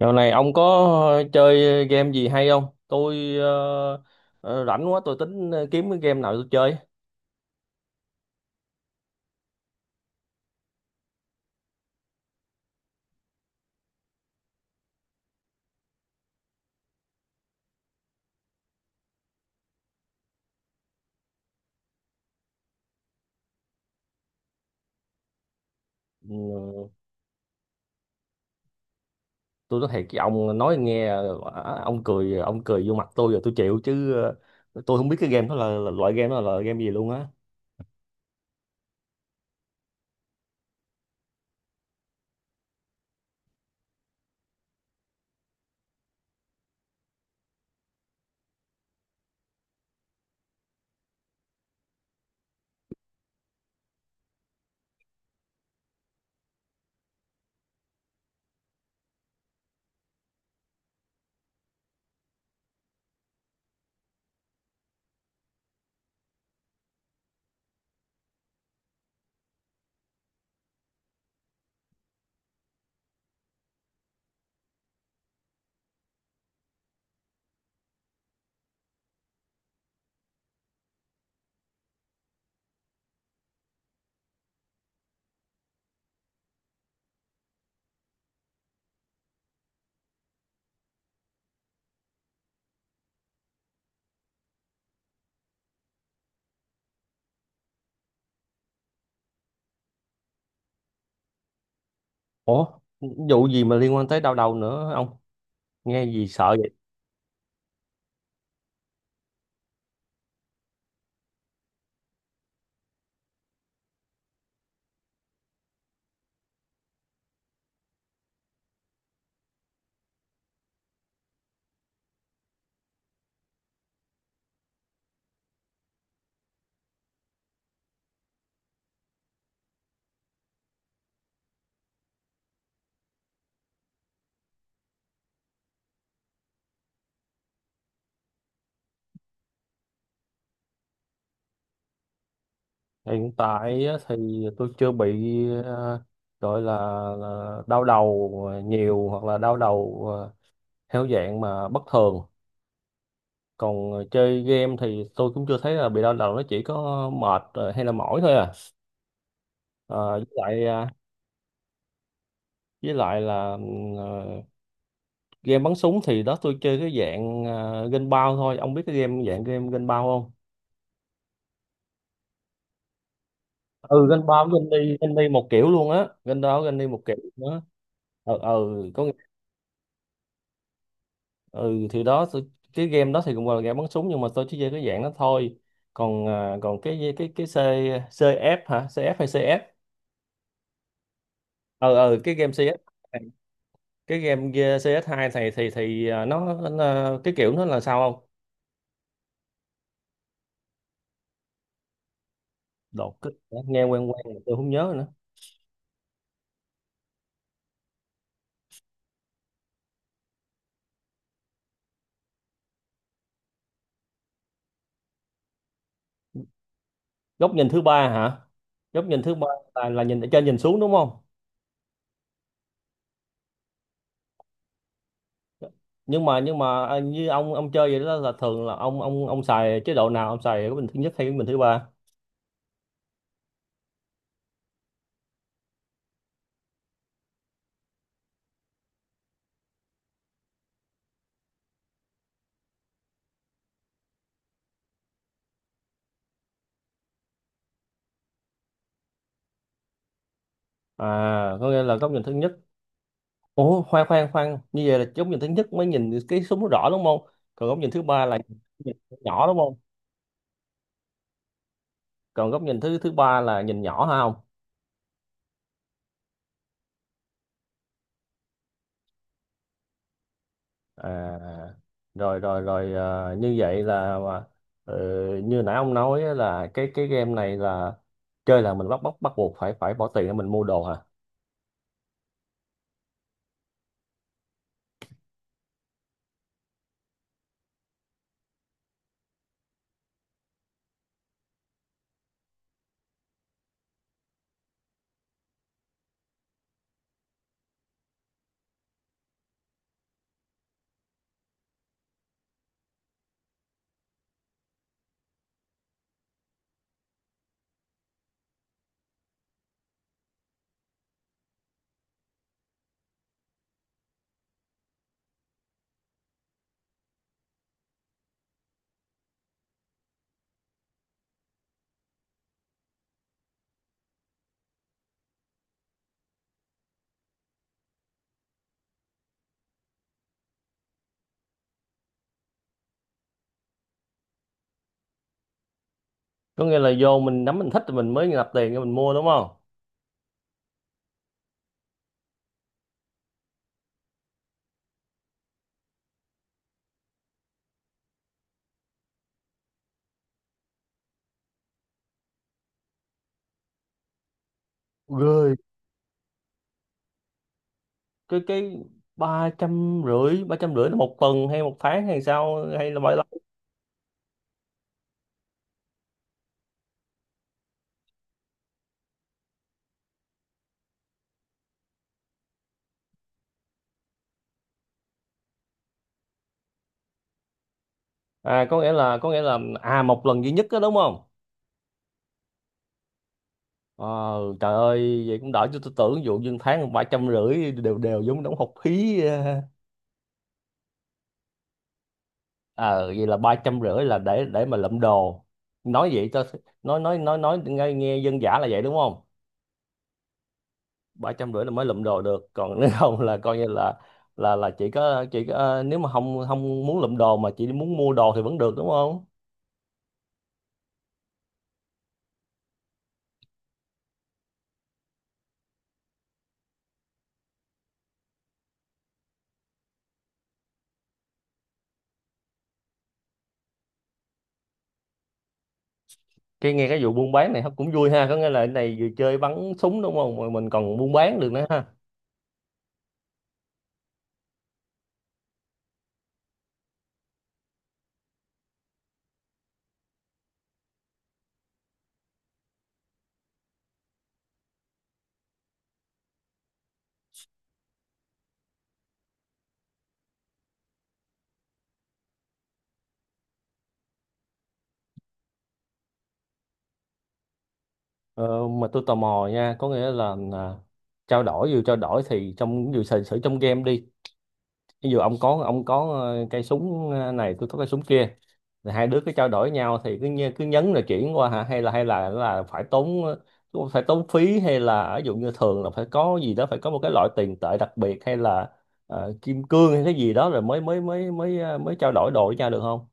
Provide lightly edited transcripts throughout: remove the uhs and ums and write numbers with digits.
Dạo này ông có chơi game gì hay không? Tôi rảnh quá tôi tính kiếm cái game nào tôi chơi. Ừ. Tôi nói thiệt với ông nói nghe, ông cười vô mặt tôi rồi tôi chịu chứ, tôi không biết cái game đó là loại game đó là game gì luôn á. Ủa, vụ gì mà liên quan tới đau đầu nữa ông? Nghe gì sợ vậy? Hiện tại á thì tôi chưa bị, ờ, gọi là, đau đầu nhiều hoặc là đau đầu theo dạng mà bất thường. Còn chơi game thì tôi cũng chưa thấy là bị đau đầu, nó chỉ có mệt hay là mỏi thôi à. Ờ, với lại là game bắn súng thì đó tôi chơi cái dạng game bao thôi, ông biết cái game dạng game game bao không? Ừ, game bao với game đi, game đi một kiểu luôn á, game đó game đi một kiểu nữa. Ừ, ừ. Ừ, thì đó cái game đó thì cũng gọi là game bắn súng nhưng mà tôi chỉ chơi cái dạng đó thôi. Còn cái CF hả, CF hay CS? Ờ cái game CS, cái game kia CS2 này thì nó cái kiểu nó là sao không? Đột kích hả? Nghe quen quen mà tôi không nhớ nữa. Góc nhìn thứ ba hả? Góc nhìn thứ ba là nhìn ở trên nhìn xuống đúng không? Nhưng mà như ông chơi vậy đó là thường là ông xài chế độ nào, ông xài góc nhìn thứ nhất hay góc nhìn thứ ba? À, có nghĩa là góc nhìn thứ nhất. Ủa, khoan khoan khoan, như vậy là góc nhìn thứ nhất mới nhìn cái súng nó rõ đúng không? Còn góc nhìn thứ ba là nhìn nhỏ đúng không? Còn góc nhìn thứ thứ ba là nhìn nhỏ hả không? À, rồi rồi rồi. Như vậy là, ờ, như nãy ông nói á, là cái game này là chơi là mình bắt bắt bắt buộc phải phải bỏ tiền để mình mua đồ hả? Có nghĩa là vô mình nắm mình thích thì mình mới nạp tiền để mình mua đúng không? Rồi. Cái ba trăm rưỡi, ba trăm rưỡi là một tuần hay một tháng hay sao, hay là bao lâu? À, có nghĩa là một lần duy nhất đó đúng không? Ờ, trời ơi vậy cũng đỡ, cho tôi tưởng ví dụ như tháng ba trăm rưỡi đều đều giống đóng học phí. Ờ Vậy là ba trăm rưỡi là để mà lụm đồ, nói vậy cho nói nghe, dân dã là vậy đúng không? Ba trăm rưỡi là mới lụm đồ được, còn nếu không là coi như là, chỉ có, nếu mà không không muốn lụm đồ mà chỉ muốn mua đồ thì vẫn được đúng không? Cái nghe cái vụ buôn bán này cũng vui ha, có nghĩa là cái này vừa chơi bắn súng đúng không mà mình còn buôn bán được nữa ha. Ờ, mà tôi tò mò nha, có nghĩa là, trao đổi, vừa trao đổi thì trong, vừa sử sử trong game đi, ví dụ ông có cây súng này, tôi có cây súng kia thì hai đứa cứ trao đổi nhau thì cứ, cứ nhấn rồi chuyển qua hả, hay là phải tốn, phí, hay là ví dụ như thường là phải có gì đó, phải có một cái loại tiền tệ đặc biệt hay là kim cương hay cái gì đó rồi mới mới mới mới ờ, mới trao đổi đồ với nhau được không?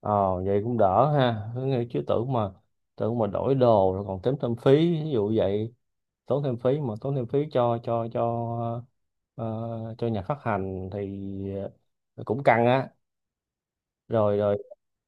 ờ Vậy cũng đỡ ha. Chứ tưởng mà, đổi đồ rồi còn tốn thêm phí ví dụ vậy. Tốn thêm phí cho, ờ, cho nhà phát hành thì cũng căng á. Rồi rồi.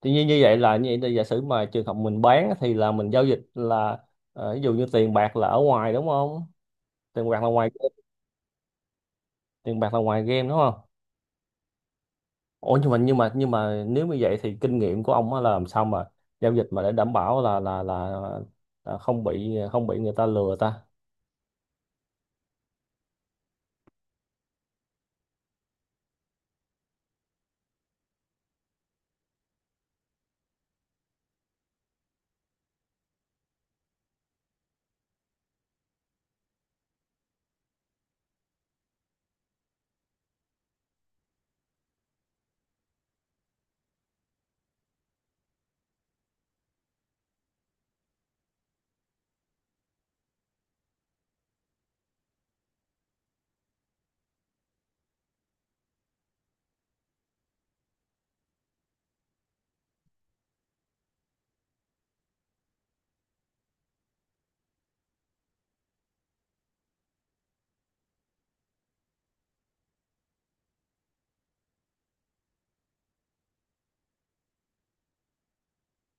Tuy nhiên như vậy là như vậy thì giả sử mà trường hợp mình bán á, thì là mình giao dịch là, ví dụ như tiền bạc là ở ngoài đúng không? Tiền bạc là ngoài. Tiền bạc là ngoài game đúng không? Ủa nhưng mà nếu như vậy thì kinh nghiệm của ông á là làm sao mà giao dịch mà để đảm bảo là, là không bị, người ta lừa ta.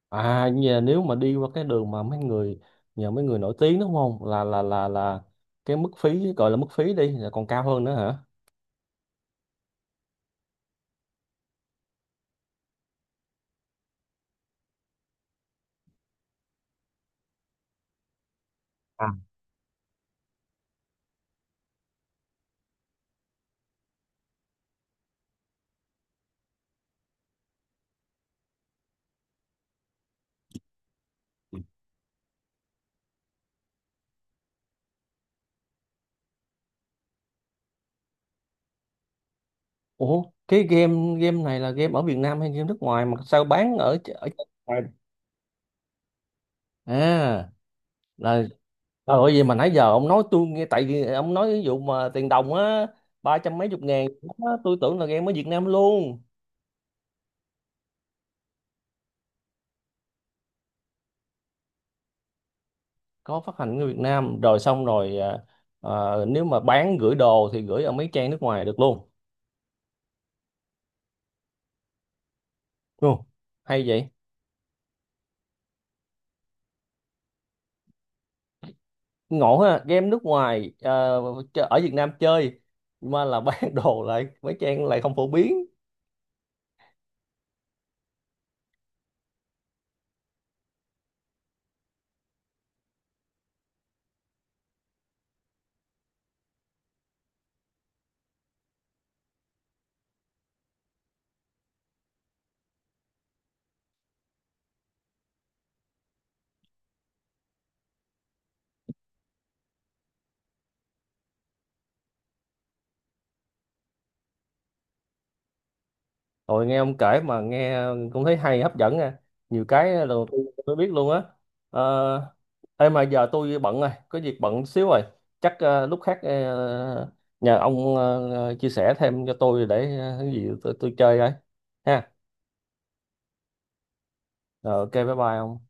À nhà, nếu mà đi qua cái đường mà mấy người nhờ mấy người nổi tiếng đúng không? Là cái mức phí, gọi là mức phí đi, là còn cao hơn nữa hả? À. Ủa, cái game game này là game ở Việt Nam hay game nước ngoài mà sao bán ở, ở nước ngoài? À, là trời ơi vậy mà nãy giờ ông nói tôi nghe, tại vì ông nói ví dụ mà tiền đồng á, ba trăm mấy chục ngàn á, tôi tưởng là game ở Việt Nam luôn. Có phát hành ở Việt Nam rồi xong rồi, à, nếu mà bán gửi đồ thì gửi ở mấy trang nước ngoài được luôn đúng không? Hay vậy. Ngộ ha, game nước ngoài, ở Việt Nam chơi, mà là bán đồ lại mấy trang lại không phổ biến. Rồi nghe ông kể mà nghe cũng thấy hay hấp dẫn nha, nhiều cái là đầu tiên tôi mới biết luôn á. Ờ. Ê mà giờ tôi bận rồi, có việc bận xíu rồi, chắc lúc khác nhờ ông chia sẻ thêm cho tôi để cái gì tôi chơi ấy ha. Rồi, ok bye bye ông.